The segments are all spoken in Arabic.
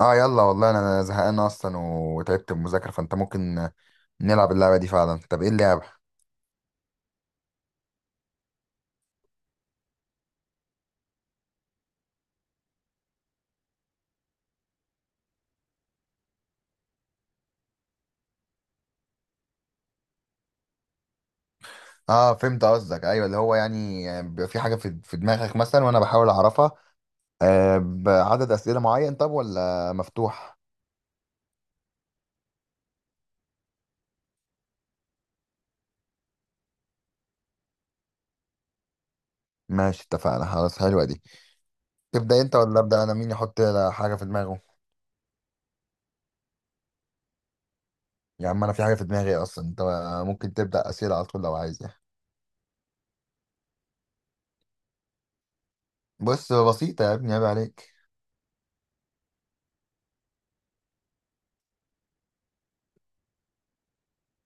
اه، يلا والله انا زهقان اصلا وتعبت من المذاكره فانت ممكن نلعب اللعبه دي فعلا. طب ايه اللعبه؟ اه، فهمت قصدك. ايوه اللي هو يعني بيبقى في حاجه في دماغك مثلا وانا بحاول اعرفها. بعدد اسئله معين، طب ولا مفتوح؟ ماشي، اتفقنا خلاص، حلوه دي. تبدا انت ولا ابدا انا؟ مين يحط حاجه في دماغه؟ يا عم انا في حاجه في دماغي اصلا. انت ممكن تبدا اسئله على طول لو عايز يعني. بص بسيطه يا ابني، عيب عليك.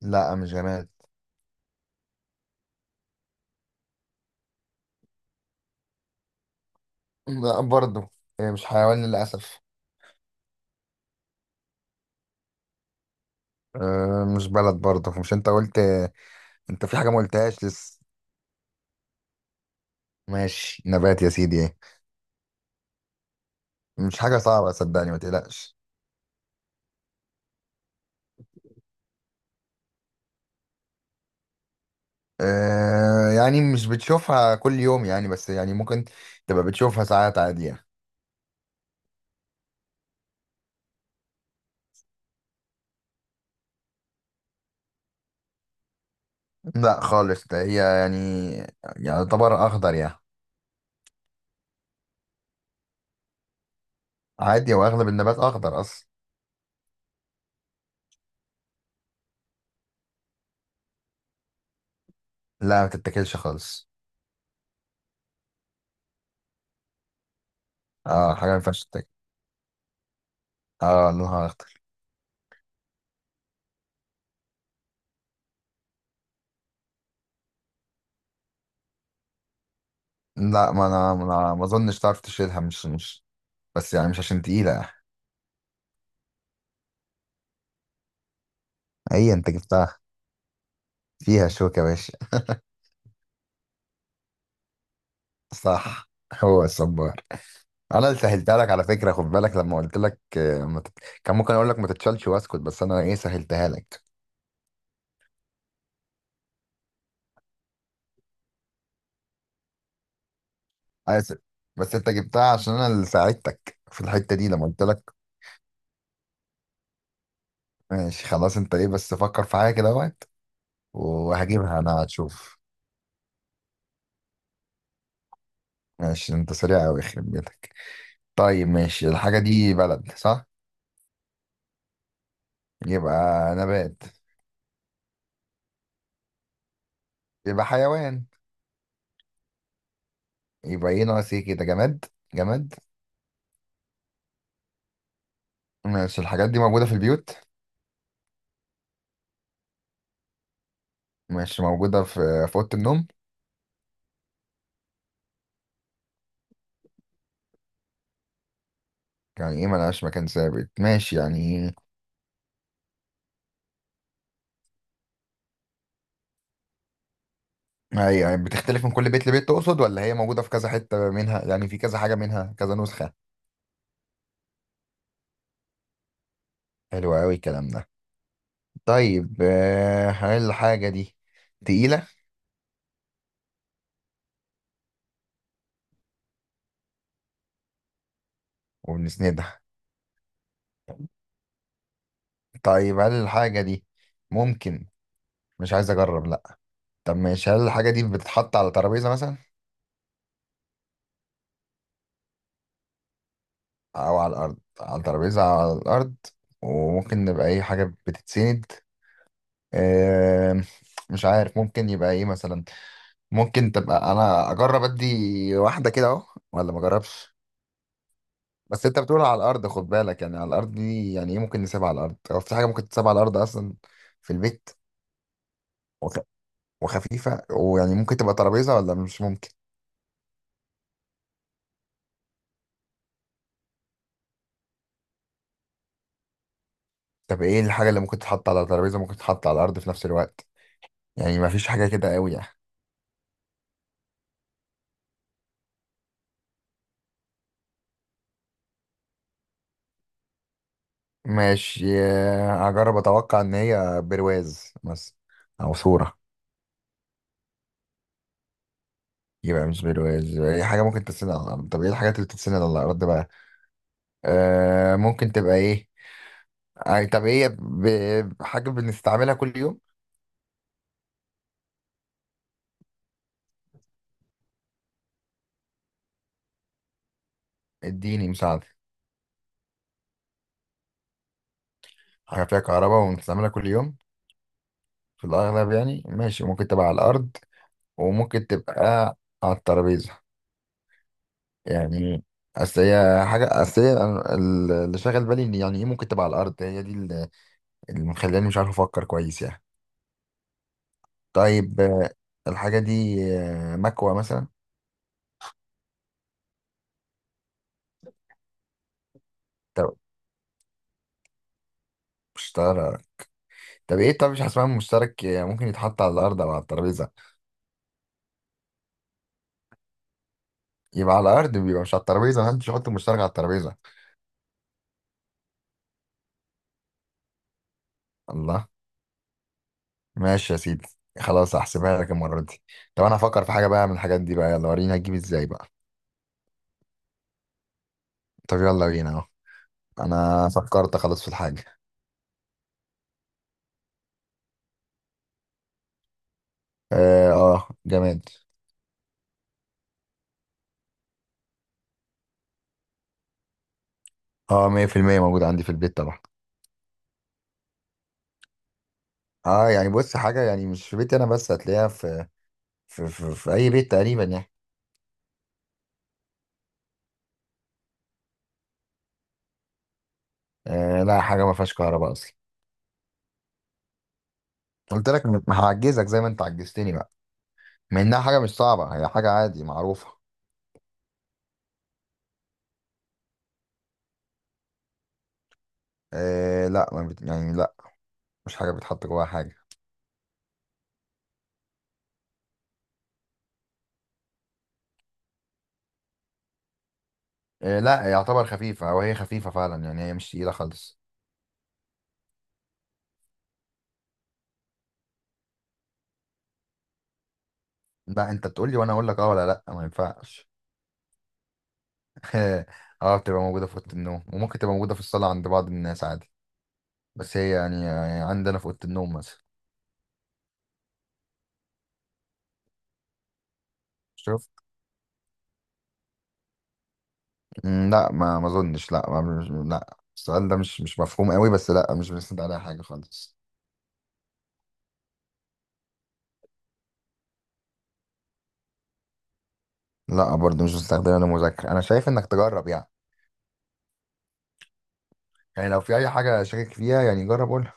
لا مش جماد. لا برضه. مش حيوان للاسف. أه، مش بلد برضه. مش انت قلت انت في حاجة ما قلتهاش لسه؟ ماشي، نبات يا سيدي، ايه؟ مش حاجة صعبة، صدقني، ما تقلقش. أه، يعني مش بتشوفها كل يوم يعني، بس يعني ممكن تبقى بتشوفها ساعات عادية. لا خالص، ده هي يعني يعتبر أخضر يعني. عادي، وأغلب النبات أخضر أصلا. لا، ما تتاكلش خالص. اه، حاجة ما ينفعش تتاكل. اه، لونها أخضر. لا. ما أظنش تعرف تشيلها، مش مش بس يعني مش عشان تقيلة. هي أنت جبتها. فيها شوكة يا باشا. صح، هو الصبار. انا سهلتها لك على فكره، خد بالك لما قلت لك آه، ما تت... كان ممكن اقول لك ما تتشالش واسكت، بس انا ايه سهلتها لك. اسف. بس انت جبتها عشان انا اللي ساعدتك في الحته دي لما قلت لك. ماشي خلاص، انت ايه، بس فكر في حاجه كده وقت وهجيبها انا، هتشوف. ماشي، انت سريع قوي يخرب بيتك. طيب ماشي، الحاجه دي بلد، صح؟ يبقى نبات. يبقى حيوان. يبقى ايه؟ ناقص ايه كده، جماد. جماد؟ ماشي، الحاجات دي موجوده في البيوت؟ ماشي، موجوده في اوضه النوم؟ يعني ايه ملهاش مكان ثابت؟ ماشي يعني. هي يعني بتختلف من كل بيت لبيت، تقصد؟ ولا هي موجودة في كذا حتة منها، يعني في كذا حاجة منها، كذا نسخة؟ حلو قوي الكلام ده. طيب، هل الحاجة دي تقيلة؟ وبنسندها. طيب هل الحاجة دي ممكن... مش عايز اجرب، لا. طب ماشي، هل الحاجة دي بتتحط على ترابيزة مثلا او على الارض؟ على ترابيزة، على الارض، وممكن يبقى اي حاجة بتتسند. آه، مش عارف ممكن يبقى ايه مثلا؟ ممكن تبقى... انا اجرب ادي واحده كده اهو ولا ما اجربش؟ بس انت بتقول على الارض، خد بالك يعني، على الارض دي يعني ايه؟ ممكن نسيبها على الارض؟ هو في حاجه ممكن تسيبها على الارض اصلا في البيت؟ وخ... وخفيفه ويعني ممكن تبقى ترابيزه ولا مش ممكن؟ طب ايه الحاجه اللي ممكن تتحط على ترابيزه، ممكن تتحط على الارض في نفس الوقت؟ يعني ما فيش حاجه كده قوي يعني. ماشي، هجرب اتوقع ان هي برواز مثلا او صوره. يبقى مش برواز. يبقى اي حاجه ممكن تتسند على الارض. طب ايه الحاجات اللي بتتسند على الارض بقى؟ ممكن تبقى ايه يعني؟ طب هي حاجة بنستعملها كل يوم؟ اديني مساعدة. حاجة فيها كهرباء ونستعملها كل يوم في الأغلب يعني، ماشي. ممكن تبقى على الأرض وممكن تبقى على الترابيزة يعني. أصل هي حاجة، أصل هي أنا- ال- اللي شاغل بالي إن يعني إيه ممكن تبقى على الأرض. اللي مخلاني مش عارف أفكر كويس يعني. طيب، الحاجة دي مكوى مثلا. طب، مشترك. طب إيه؟ طب مش حاسبها مشترك. ممكن يتحط على الأرض أو على الترابيزة. يبقى على الأرض، بيبقى مش على الترابيزة. محدش يحط مشترك على الترابيزة. الله! ماشي يا سيدي، خلاص هحسبها لك المرة دي. طب انا هفكر في حاجة بقى من الحاجات دي بقى. يلا، وريني هتجيب ازاي بقى. طب يلا بينا اهو. انا فكرت خلاص في الحاجة. اه، جماد. اه، 100% موجود عندي في البيت طبعا. اه يعني بص، حاجة يعني مش في بيتي انا بس، هتلاقيها في اي بيت تقريبا يعني. لا، حاجة ما فيهاش كهرباء اصلا. هعجزك زي ما انت عجزتني بقى. مع انها حاجة مش صعبة، هي حاجة عادي معروفة. لا، ما بت... يعني لا، مش حاجة بتحط جواها حاجة. لا، يعتبر خفيفة، أو هي خفيفة فعلا يعني، هي مش تقيلة خالص. لا، أنت تقول لي وأنا أقول لك أه ولا لأ، ما ينفعش. أه، بتبقى موجودة في أوضة النوم وممكن تبقى موجودة في الصالة عند بعض الناس عادي، بس هي يعني عندنا في أوضة النوم مثلا. شوف. لا ما أظنش، لا، السؤال ده مش مفهوم قوي، بس لا، مش بنستند عليها حاجة خالص. لا برضه، مش بستخدمها للمذاكرة. أنا شايف إنك تجرب يعني، يعني لو في أي حاجة شاكك فيها يعني، جرب قول.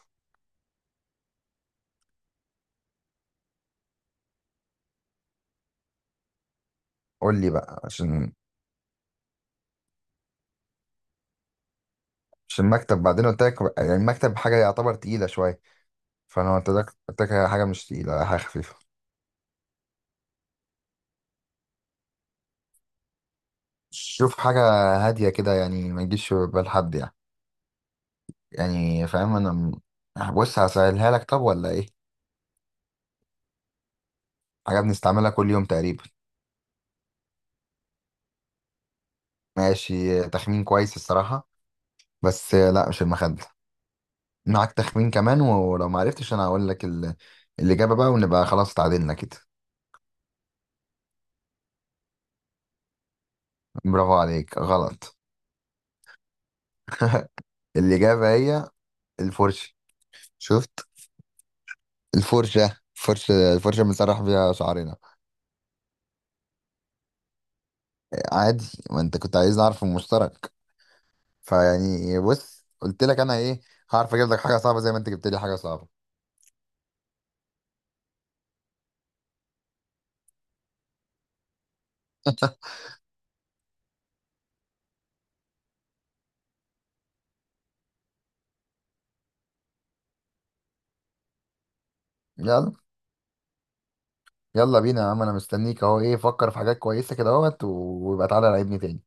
قول لي بقى، عشان عشان المكتب بعدين قلت لك يعني المكتب حاجة يعتبر تقيلة شوية، فانا قلت لك حاجه مش تقيله، حاجه خفيفه. شوف، حاجه هاديه كده يعني، ما تجيش في بال حد يعني. يعني فاهم انا م- بص، هسهلها لك طب ولا ايه؟ حاجه بنستعملها كل يوم تقريبا. ماشي، تخمين كويس الصراحه، بس لا، مش المخده. معاك تخمين كمان، ولو ما عرفتش انا هقول لك الاجابه بقى، ونبقى خلاص اتعادلنا كده. برافو عليك، غلط. الاجابه هي الفرشه. شفت؟ الفرشه، فرشة، الفرشة بنسرح بيها شعرنا. عادي، ما انت كنت عايز اعرف المشترك، فيعني بص، قلت لك انا ايه، هعرف اجيب لك حاجه صعبه زي ما انت جبت لي حاجه صعبه. يلا، يلا بينا يا عم، انا مستنيك اهو. ايه، فكر في حاجات كويسه كده اهوت، ويبقى تعالى لعبني تاني.